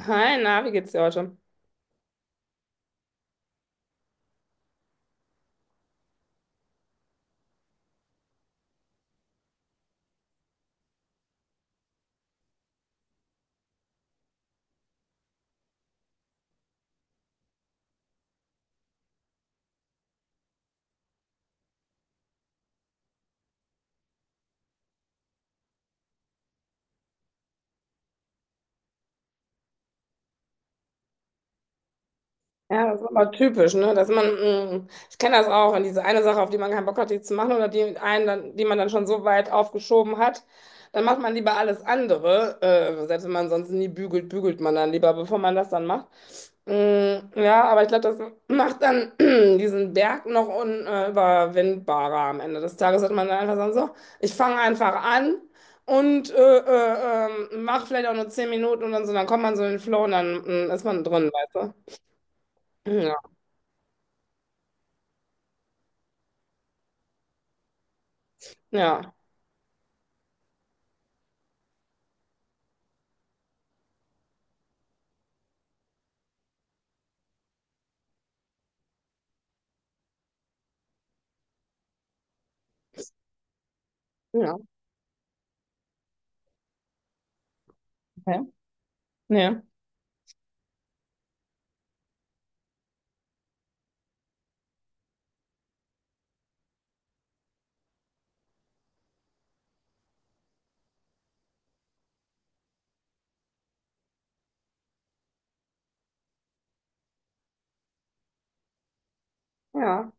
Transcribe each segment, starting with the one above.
Hi, na, wie geht's dir heute? Ja, das ist aber typisch, ne? Dass man, ich kenne das auch, wenn diese eine Sache, auf die man keinen Bock hat, die zu machen oder die einen, dann, die man dann schon so weit aufgeschoben hat, dann macht man lieber alles andere. Selbst wenn man sonst nie bügelt, bügelt man dann lieber, bevor man das dann macht. Mm, ja, aber ich glaube, das macht dann diesen Berg noch unüberwindbarer. Am Ende des Tages, hat man dann einfach sagen, so, ich fange einfach an. Und mach vielleicht auch nur 10 Minuten und dann so, dann kommt man so in den Flow und dann ist man drin, weißt du? Ja. Ja, ja. Okay. Ja. Ja,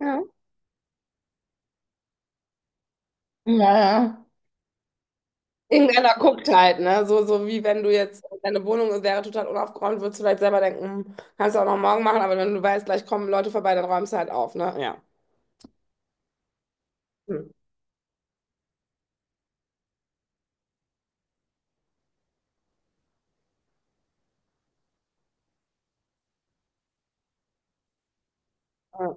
ja. Naja. Irgendeiner guckt halt, ne? So, so wie wenn du jetzt, deine Wohnung wäre total unaufgeräumt, würdest du vielleicht selber denken, hm, kannst du auch noch morgen machen, aber wenn du weißt, gleich kommen Leute vorbei, dann räumst du halt auf, ne? Ja. Hm. Ja.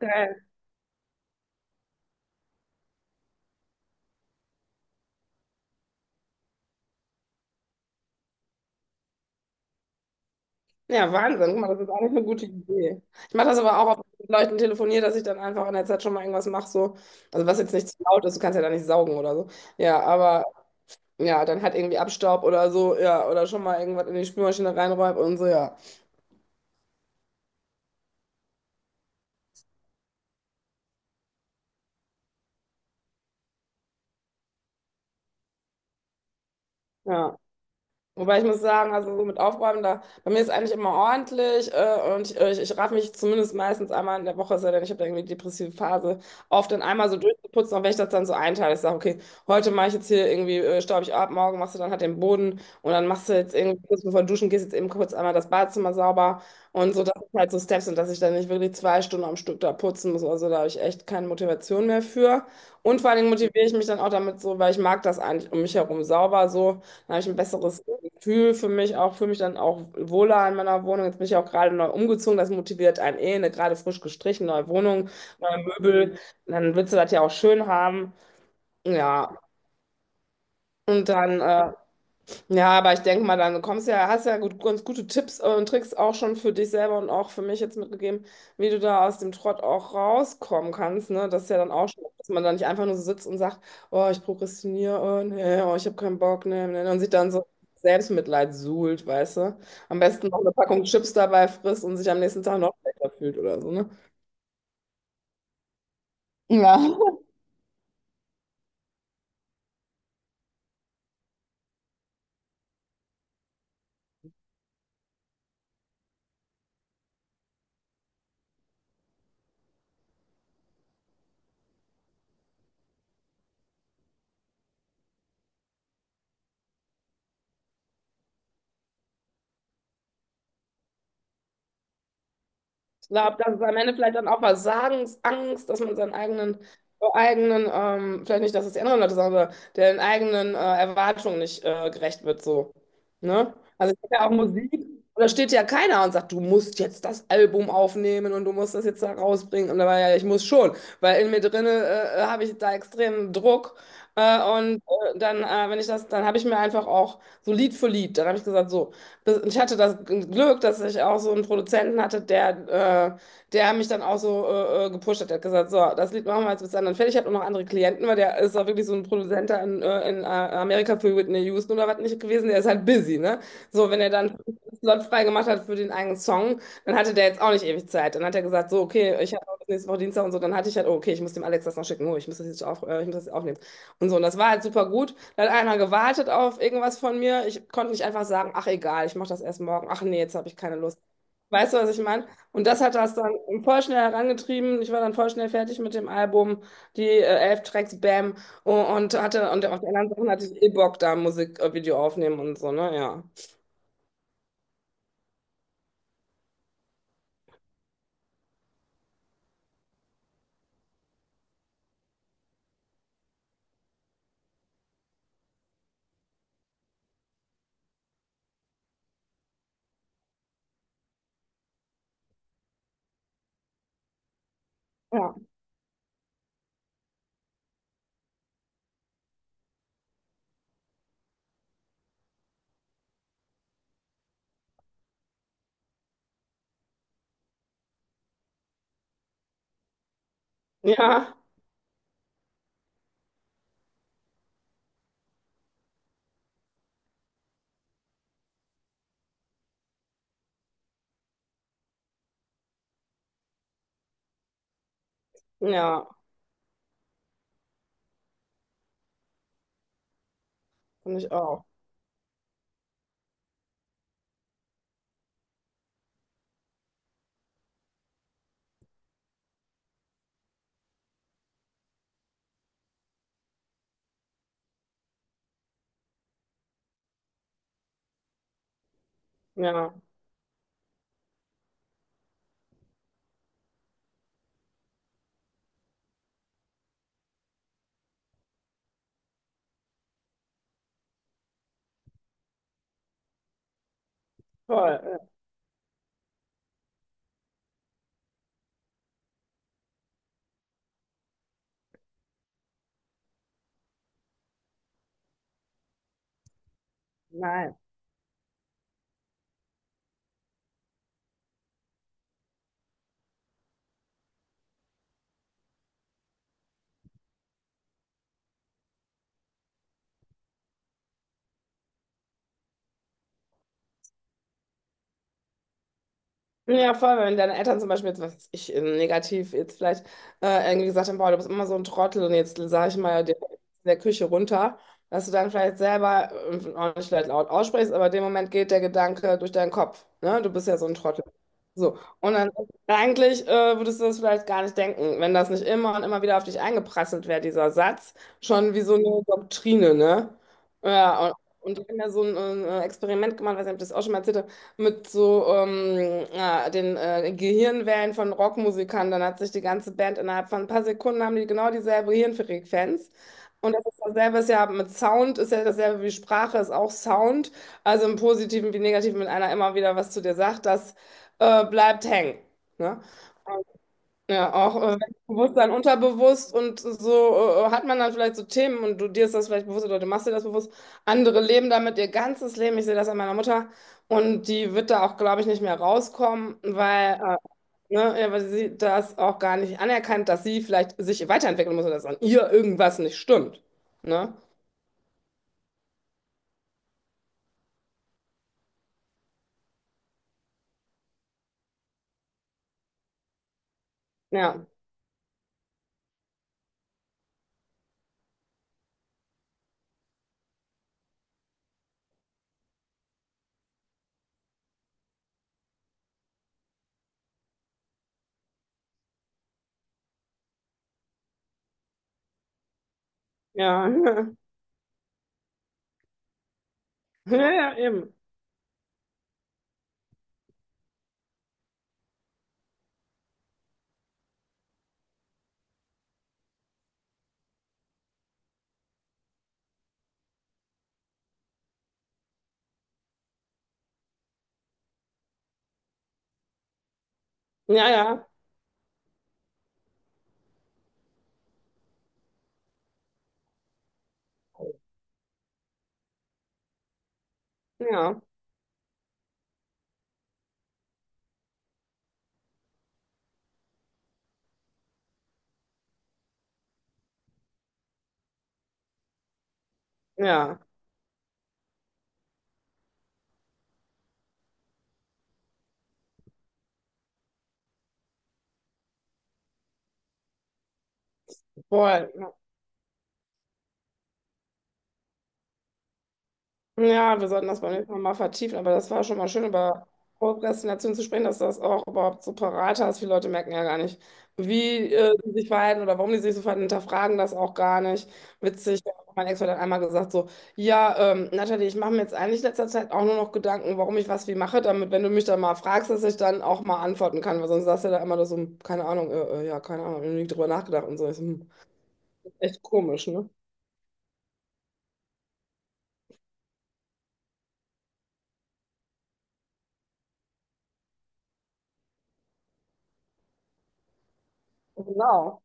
Geil. Ja, Wahnsinn. Guck mal, das ist eigentlich eine gute Idee. Ich mache das aber auch, oft mit Leuten telefoniere, dass ich dann einfach in der Zeit schon mal irgendwas mache, so. Also was jetzt nicht zu laut ist, du kannst ja da nicht saugen oder so. Ja, aber ja, dann halt irgendwie Abstaub oder so, ja, oder schon mal irgendwas in die Spülmaschine reinräumt und so, ja. Ja, wobei ich muss sagen, also so mit Aufräumen, da, bei mir ist eigentlich immer ordentlich und ich raff mich zumindest meistens einmal in der Woche, es sei denn, ich habe da irgendwie eine depressive Phase, auf, dann einmal so durchzuputzen, auch wenn ich das dann so einteile. Ich sage, okay, heute mache ich jetzt hier irgendwie, staub ich ab, morgen machst du dann halt den Boden und dann machst du jetzt irgendwie kurz bevor du duschen gehst, jetzt eben kurz einmal das Badezimmer sauber und so, das sind halt so Steps und dass ich dann nicht wirklich 2 Stunden am Stück da putzen muss. Also da habe ich echt keine Motivation mehr für. Und vor allen Dingen motiviere ich mich dann auch damit so, weil ich mag das eigentlich um mich herum sauber so. Dann habe ich ein besseres fühle für mich auch, fühle mich dann auch wohler in meiner Wohnung. Jetzt bin ich auch gerade neu umgezogen, das motiviert einen eh, eine gerade frisch gestrichen, neue Wohnung, neue Möbel. Dann willst du das ja auch schön haben. Ja, und dann ja, aber ich denke mal, dann kommst ja, hast ja gut, ganz gute Tipps und Tricks auch schon für dich selber und auch für mich jetzt mitgegeben, wie du da aus dem Trott auch rauskommen kannst, ne? Das ist ja dann auch schon, dass man da nicht einfach nur so sitzt und sagt, oh, ich prokrastiniere, oh, nee, oh, ich habe keinen Bock, nee, nee, und sich dann so Selbstmitleid suhlt, weißt du? Am besten noch eine Packung Chips dabei frisst und sich am nächsten Tag noch schlechter fühlt oder so, ne? Ja, ich glaube, das ist am Ende vielleicht dann auch Versagens Angst, dass man seinen eigenen vielleicht nicht, dass es die anderen Leute sagen, aber den eigenen Erwartungen nicht gerecht wird, so. Ne? Also ich habe ja auch Musik, und da steht ja keiner und sagt, du musst jetzt das Album aufnehmen und du musst das jetzt da rausbringen. Und da war ja, ich muss schon, weil in mir drinne habe ich da extremen Druck. Und dann, wenn ich das, dann habe ich mir einfach auch so Lied für Lied, dann habe ich gesagt, so das, ich hatte das Glück, dass ich auch so einen Produzenten hatte, der mich dann auch so gepusht hat. Der hat gesagt, so, das Lied machen wir jetzt bis dann fertig. Ich habe auch noch andere Klienten, weil der ist auch wirklich so ein Produzent da in Amerika für Whitney Houston oder was nicht gewesen. Der ist halt busy, ne? So, wenn er dann einen Slot frei gemacht hat für den eigenen Song, dann hatte der jetzt auch nicht ewig Zeit. Dann hat er gesagt, so, okay, ich habe nächste Woche Dienstag und so. Dann hatte ich halt, oh, okay, ich muss dem Alex das noch schicken. Oh, ich muss das jetzt aufnehmen. Und so, und das war halt super gut. Da hat einer gewartet auf irgendwas von mir. Ich konnte nicht einfach sagen, ach egal, ich mache das erst morgen. Ach nee, jetzt habe ich keine Lust. Weißt du, was ich meine? Und das hat das dann voll schnell herangetrieben. Ich war dann voll schnell fertig mit dem Album, die 11 Tracks, bam. Und hatte, und auf den anderen Sachen hatte ich eh Bock, da Musikvideo aufnehmen und so, ne? Ja. Ja. Ja. Ja. Finde ich auch. Ja. Voll. Ja. Nein. Ja, voll, wenn deine Eltern zum Beispiel jetzt, was weiß ich, negativ jetzt vielleicht irgendwie gesagt haben, boah, du bist immer so ein Trottel und jetzt sage ich mal dir in der Küche runter, dass du dann vielleicht selber auch nicht vielleicht laut aussprichst, aber in dem Moment geht der Gedanke durch deinen Kopf, ne? Du bist ja so ein Trottel. So, und dann eigentlich würdest du das vielleicht gar nicht denken, wenn das nicht immer und immer wieder auf dich eingeprasselt wäre, dieser Satz, schon wie so eine Doktrine, ne? Ja, und ich habe ja so ein Experiment gemacht, weiß nicht, ob ich das auch schon mal erzählt, mit so ja, den Gehirnwellen von Rockmusikern. Dann hat sich die ganze Band innerhalb von ein paar Sekunden haben die genau dieselbe Hirnfrequenz. Und das ist dasselbe, ist ja mit Sound, ist ja dasselbe wie Sprache, ist auch Sound. Also im Positiven wie Negativen, wenn einer immer wieder was zu dir sagt, das bleibt hängen. Ne? Ja, auch Bewusstsein, unterbewusst und so hat man dann vielleicht so Themen und du dir ist das vielleicht bewusst oder du machst dir das bewusst. Andere leben damit ihr ganzes Leben. Ich sehe das an meiner Mutter und die wird da auch, glaube ich, nicht mehr rauskommen, weil, ne, ja, weil sie das auch gar nicht anerkannt, dass sie vielleicht sich weiterentwickeln muss oder dass an ihr irgendwas nicht stimmt. Ne? Ja, ja, ja, ja, eben. Ja, ja, ja, ja, voll. Ja, wir sollten das beim nächsten Mal mal vertiefen, aber das war schon mal schön, über Prokrastination zu sprechen, dass du das auch überhaupt so parat hast. Viele Leute merken ja gar nicht, wie sie sich verhalten oder warum die sich so verhalten, hinterfragen das auch gar nicht. Witzig, mein Ex-Freund hat einmal gesagt so, ja, Natalie, ich mache mir jetzt eigentlich in letzter Zeit auch nur noch Gedanken, warum ich was wie mache, damit, wenn du mich dann mal fragst, dass ich dann auch mal antworten kann, weil sonst sagst du ja da immer nur so, hm, keine Ahnung, ja, keine Ahnung, ich habe nie drüber nachgedacht und so. Ich so, hm, echt komisch, ne? Genau.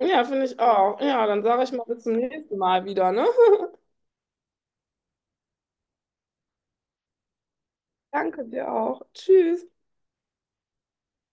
Ja, finde ich auch. Ja, dann sage ich mal bis zum nächsten Mal wieder, ne? Danke dir auch. Tschüss.